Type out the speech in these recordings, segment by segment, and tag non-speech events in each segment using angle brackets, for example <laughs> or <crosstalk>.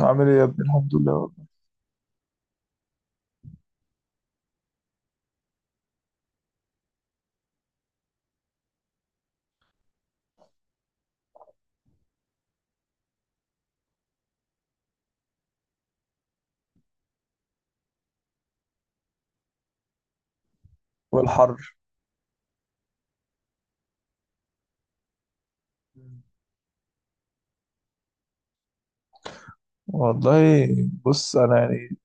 عامل ايه يا ابني؟ الحمد لله والله. والحر. والله، بص، انا يعني،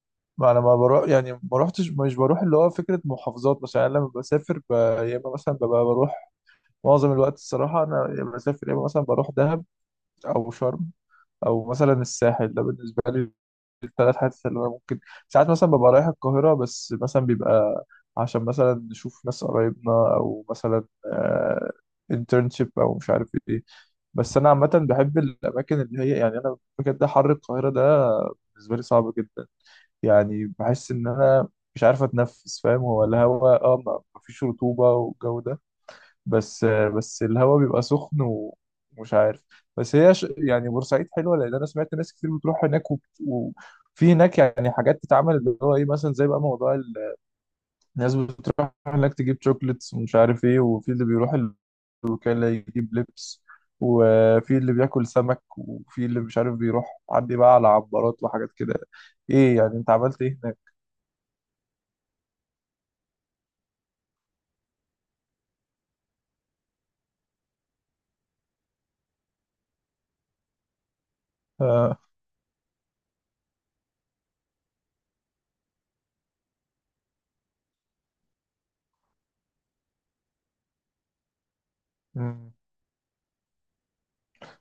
انا ما بروح، يعني ما روحتش، مش بروح اللي هو فكره محافظات مثلا. يعني لما بسافر يا اما مثلا ببقى بروح. معظم الوقت الصراحه انا، يا اما بسافر، يا اما مثلا بروح دهب، او شرم، او مثلا الساحل. ده بالنسبه لي الثلاث حاجات اللي انا ممكن. ساعات مثلا ببقى رايح القاهره، بس مثلا بيبقى عشان مثلا نشوف ناس قرايبنا، او مثلا انترنشيب او مش عارف ايه. بس انا عامه بحب الاماكن اللي هي، يعني انا بجد حر القاهره ده بالنسبه لي صعب جدا. يعني بحس ان انا مش عارف اتنفس، فاهم؟ هو الهواء، ما فيش رطوبه والجو ده، بس الهواء بيبقى سخن ومش عارف. بس هي يعني بورسعيد حلوه، لان انا سمعت ناس كتير بتروح هناك وفي هناك يعني حاجات تتعمل، اللي هو ايه مثلا، زي بقى موضوع الناس بتروح هناك تجيب شوكليتس ومش عارف ايه، وفي اللي بيروح وكان لا يجيب لبس، وفي اللي بياكل سمك، وفي اللي مش عارف بيروح عندي بقى على عبارات وحاجات كده. ايه يعني، انت عملت ايه هناك؟ آه. مم.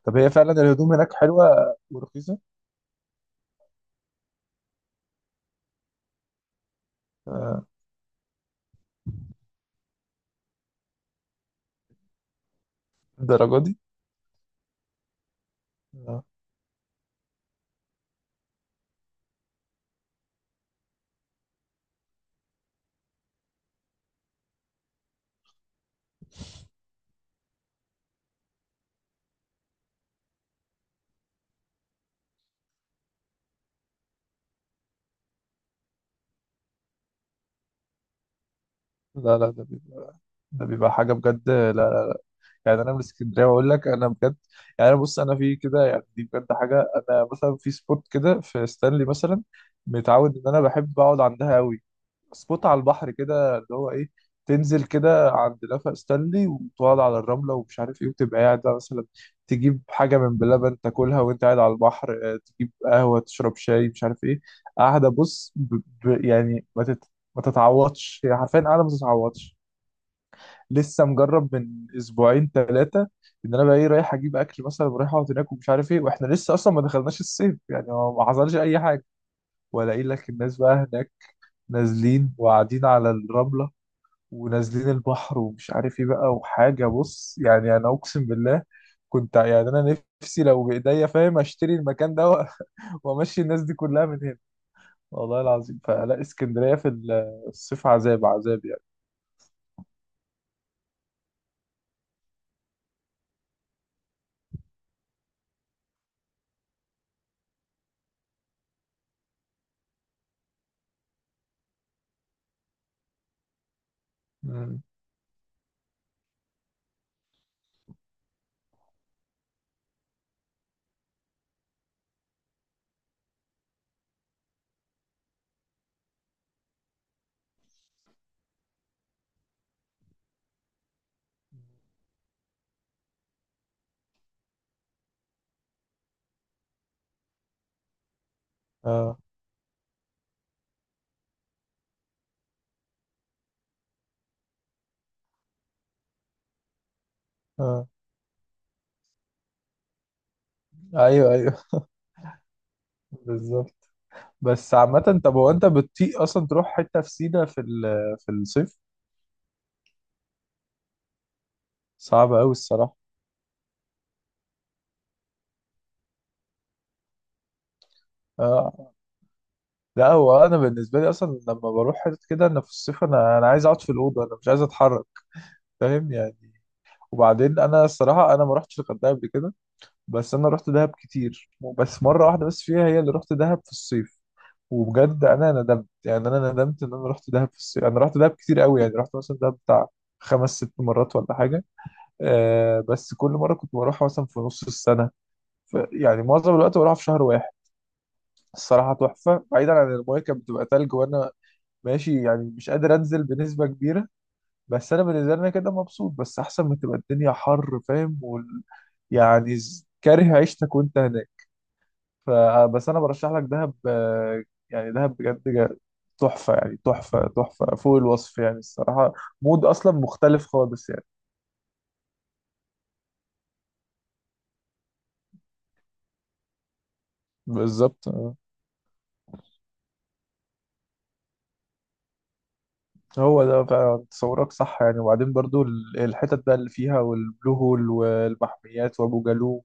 طب هي فعلا الهدوم هناك حلوة ورخيصة؟ آه. الدرجة دي؟ آه. لا لا، ده بيبقى، ده بيبقى حاجة بجد. لا لا، يعني أنا من اسكندرية وأقول لك، أنا بجد يعني. أنا بص، أنا في كده يعني، دي بجد حاجة. أنا مثلا في سبوت كده في ستانلي مثلا، متعود إن أنا بحب أقعد عندها أوي. سبوت على البحر كده، اللي هو ايه، تنزل كده عند لافا ستانلي وتقعد على الرمله ومش عارف ايه، وتبقى قاعد بقى مثلا تجيب حاجه من بلبن تاكلها وانت قاعد على البحر، آه، تجيب قهوه، تشرب شاي، مش عارف ايه، قاعده. بص، يعني، ما تتعوضش، هي حرفيا قاعده، ما تتعوضش. لسه مجرب من اسبوعين ثلاثه ان انا بقى ايه، رايح اجيب اكل مثلا ورايح اقعد هناك ومش عارف ايه، واحنا لسه اصلا ما دخلناش الصيف يعني، ما حصلش اي حاجه. والاقي لك الناس بقى هناك نازلين وقاعدين على الرمله ونازلين البحر ومش عارف ايه بقى. وحاجه، بص، يعني انا اقسم بالله كنت، يعني انا نفسي لو بايديا، فاهم، اشتري المكان ده <laughs> وامشي الناس دي كلها من هنا، والله العظيم. فلا، اسكندريه في الصيف عذاب عذاب يعني. مم. اه اه، ايوه ايوه، <laughs> بالظبط. بس عامه، طب هو انت بتطيق اصلا تروح حته في سينا في في الصيف؟ صعب قوي الصراحه. اه، لا هو انا بالنسبه لي اصلا لما بروح حته كده، انا في الصيف انا عايز اقعد في الاوضه، انا مش عايز اتحرك، فاهم يعني. وبعدين انا الصراحه انا ما رحتش الغردقه قبل كده، بس انا رحت دهب كتير. بس مره واحده بس فيها هي اللي رحت دهب في الصيف. وبجد انا ندمت، يعني انا ندمت ان انا رحت دهب في الصيف. انا رحت دهب كتير قوي يعني، رحت مثلا دهب بتاع خمس ست مرات ولا حاجه. آه، بس كل مره كنت بروح مثلا في نص السنه، ف يعني معظم الوقت بروح في شهر واحد. الصراحه تحفه، بعيدا عن المايه كانت بتبقى تلج وانا ماشي يعني، مش قادر انزل بنسبه كبيره، بس انا بالنسبه لنا كده مبسوط، بس احسن ما تبقى الدنيا حر، فاهم؟ يعني كاره عيشتك وانت هناك. فبس انا برشح لك دهب، آه، يعني دهب بجد تحفه، يعني تحفه تحفه فوق الوصف يعني الصراحه. مود اصلا مختلف خالص يعني. بالظبط. هو ده فعلا تصورك صح يعني. وبعدين برضو الحتت بقى اللي فيها، والبلو هول والمحميات وابو جالوم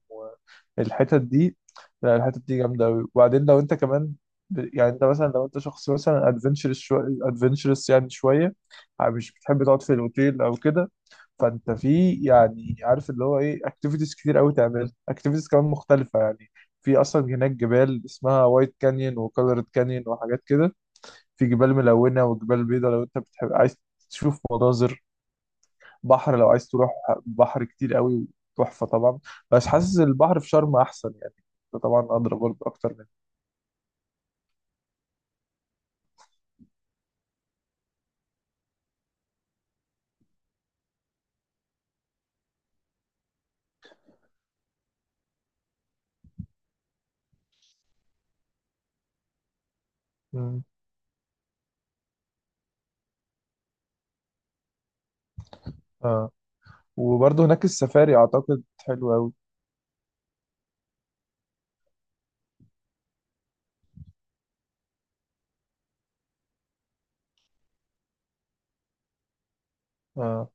والحتت دي، لا الحتت دي جامده قوي. وبعدين لو انت كمان، يعني، انت مثلا لو انت شخص مثلا ادفنتشرس شويه، ادفنتشرس يعني شويه، مش بتحب تقعد في الاوتيل او كده، فانت في يعني، عارف اللي هو ايه، اكتيفيتيز كتير قوي، تعمل اكتيفيتيز كمان مختلفه يعني. في اصلا هناك جبال اسمها وايت كانيون وكولورد كانيون وحاجات كده. في جبال ملونة وجبال بيضاء، لو انت بتحب عايز تشوف مناظر، بحر لو عايز تروح، بحر كتير قوي، تحفة طبعا. بس حاسس البحر في شرم أحسن يعني. ده طبعا أدرى برضه أكتر منه. مم. آه. وبرضه هناك السفاري أعتقد حلو أوي. آه.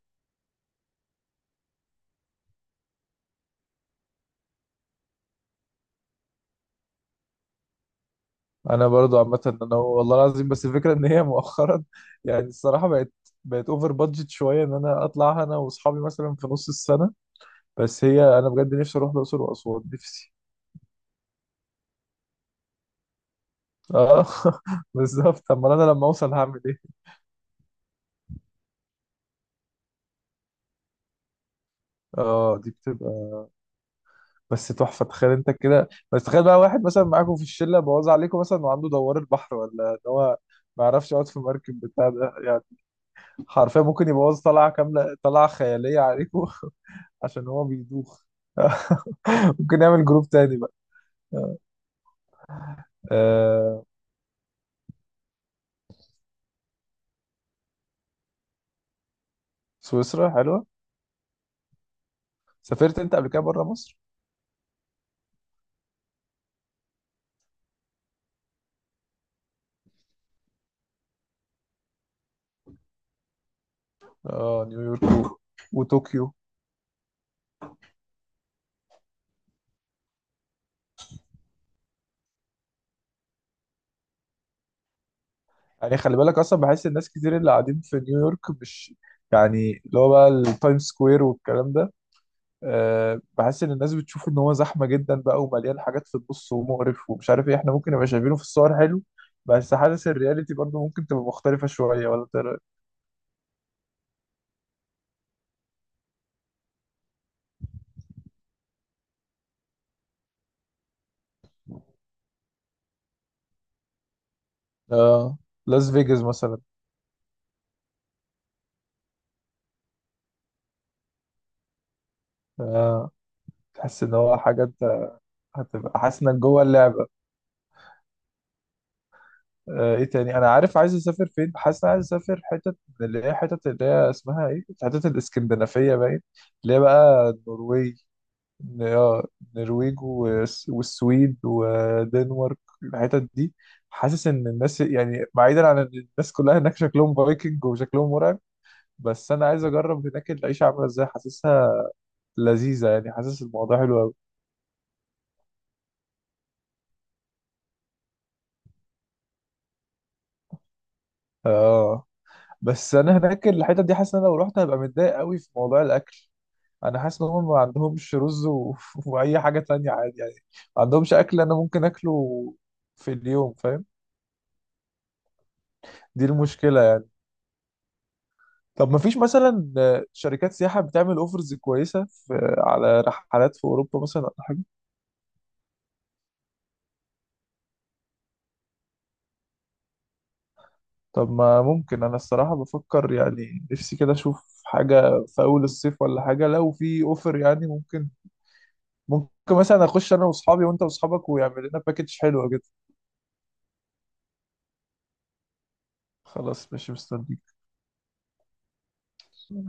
أنا برضه عامة، أنا والله العظيم بس الفكرة إن هي مؤخرا <laughs> يعني الصراحة بقت أوفر بادجت شوية إن أنا أطلع أنا وأصحابي مثلا في نص السنة. بس هي أنا بجد نفسي أروح الأقصر وأسوان، نفسي. آه، <laughs> بالظبط. أمال أنا لما أوصل هعمل إيه؟ اه دي بتبقى، بس تحفه. تخيل انت كده، بس تخيل بقى، واحد مثلا معاكم في الشله بوظ عليكم مثلا، وعنده دوار البحر، ولا ان هو ما يعرفش يقعد في المركب بتاع ده يعني، حرفيا ممكن يبوظ طلعه كامله، طلعه خياليه عليكم. <laughs> عشان هو بيدوخ. ممكن يعمل جروب تاني بقى. آه، سويسرا حلوه. سافرت انت قبل كده بره مصر؟ اه، نيويورك وطوكيو. يعني خلي بالك، اصلا بحس الناس كتير اللي قاعدين في نيويورك مش، يعني اللي هو بقى التايم سكوير والكلام ده، آه، بحس ان الناس بتشوف ان هو زحمه جدا بقى ومليان حاجات في النص ومقرف ومش عارف ايه. احنا ممكن نبقى شايفينه في الصور حلو، بس حاسس الرياليتي برضه ممكن تبقى مختلفه شويه، ولا ترى؟ اه، لاس فيجاس مثلا. آه، تحس ان هو حاجه انت هتبقى حاسس انك جوه اللعبه. آه، ايه تاني انا عارف عايز اسافر فين؟ حاسس إن أنا عايز اسافر حتت، من اللي هي حتت اللي هي اسمها ايه، حتت الاسكندنافيه باين، اللي هي بقى النرويج. ن- اه النرويج والسويد ودنمارك، الحتت دي. حاسس ان الناس يعني، بعيدا عن ان الناس كلها هناك شكلهم فايكنج وشكلهم مرعب، بس انا عايز اجرب هناك العيشه عامله ازاي. حاسسها لذيذه يعني، حاسس الموضوع حلو قوي. اه، بس انا هناك الحتت دي حاسس ان انا لو رحت هبقى متضايق قوي في موضوع الاكل. انا حاسس ان هم ما عندهمش رز <laughs> واي حاجه تانية عادي يعني. ما عندهمش اكل انا ممكن اكله في اليوم، فاهم؟ دي المشكله. طب ما فيش مثلا، آه، شركات سياحة بتعمل اوفرز كويسة في، على رحلات في أوروبا مثلا أو حاجة؟ طب ما ممكن، أنا الصراحة بفكر يعني، نفسي كده أشوف حاجة في أول الصيف ولا حاجة، لو في اوفر يعني، ممكن مثلا أخش أنا وأصحابي وأنت وأصحابك، ويعمل لنا باكج حلوة كده. خلاص ماشي، مستنيك.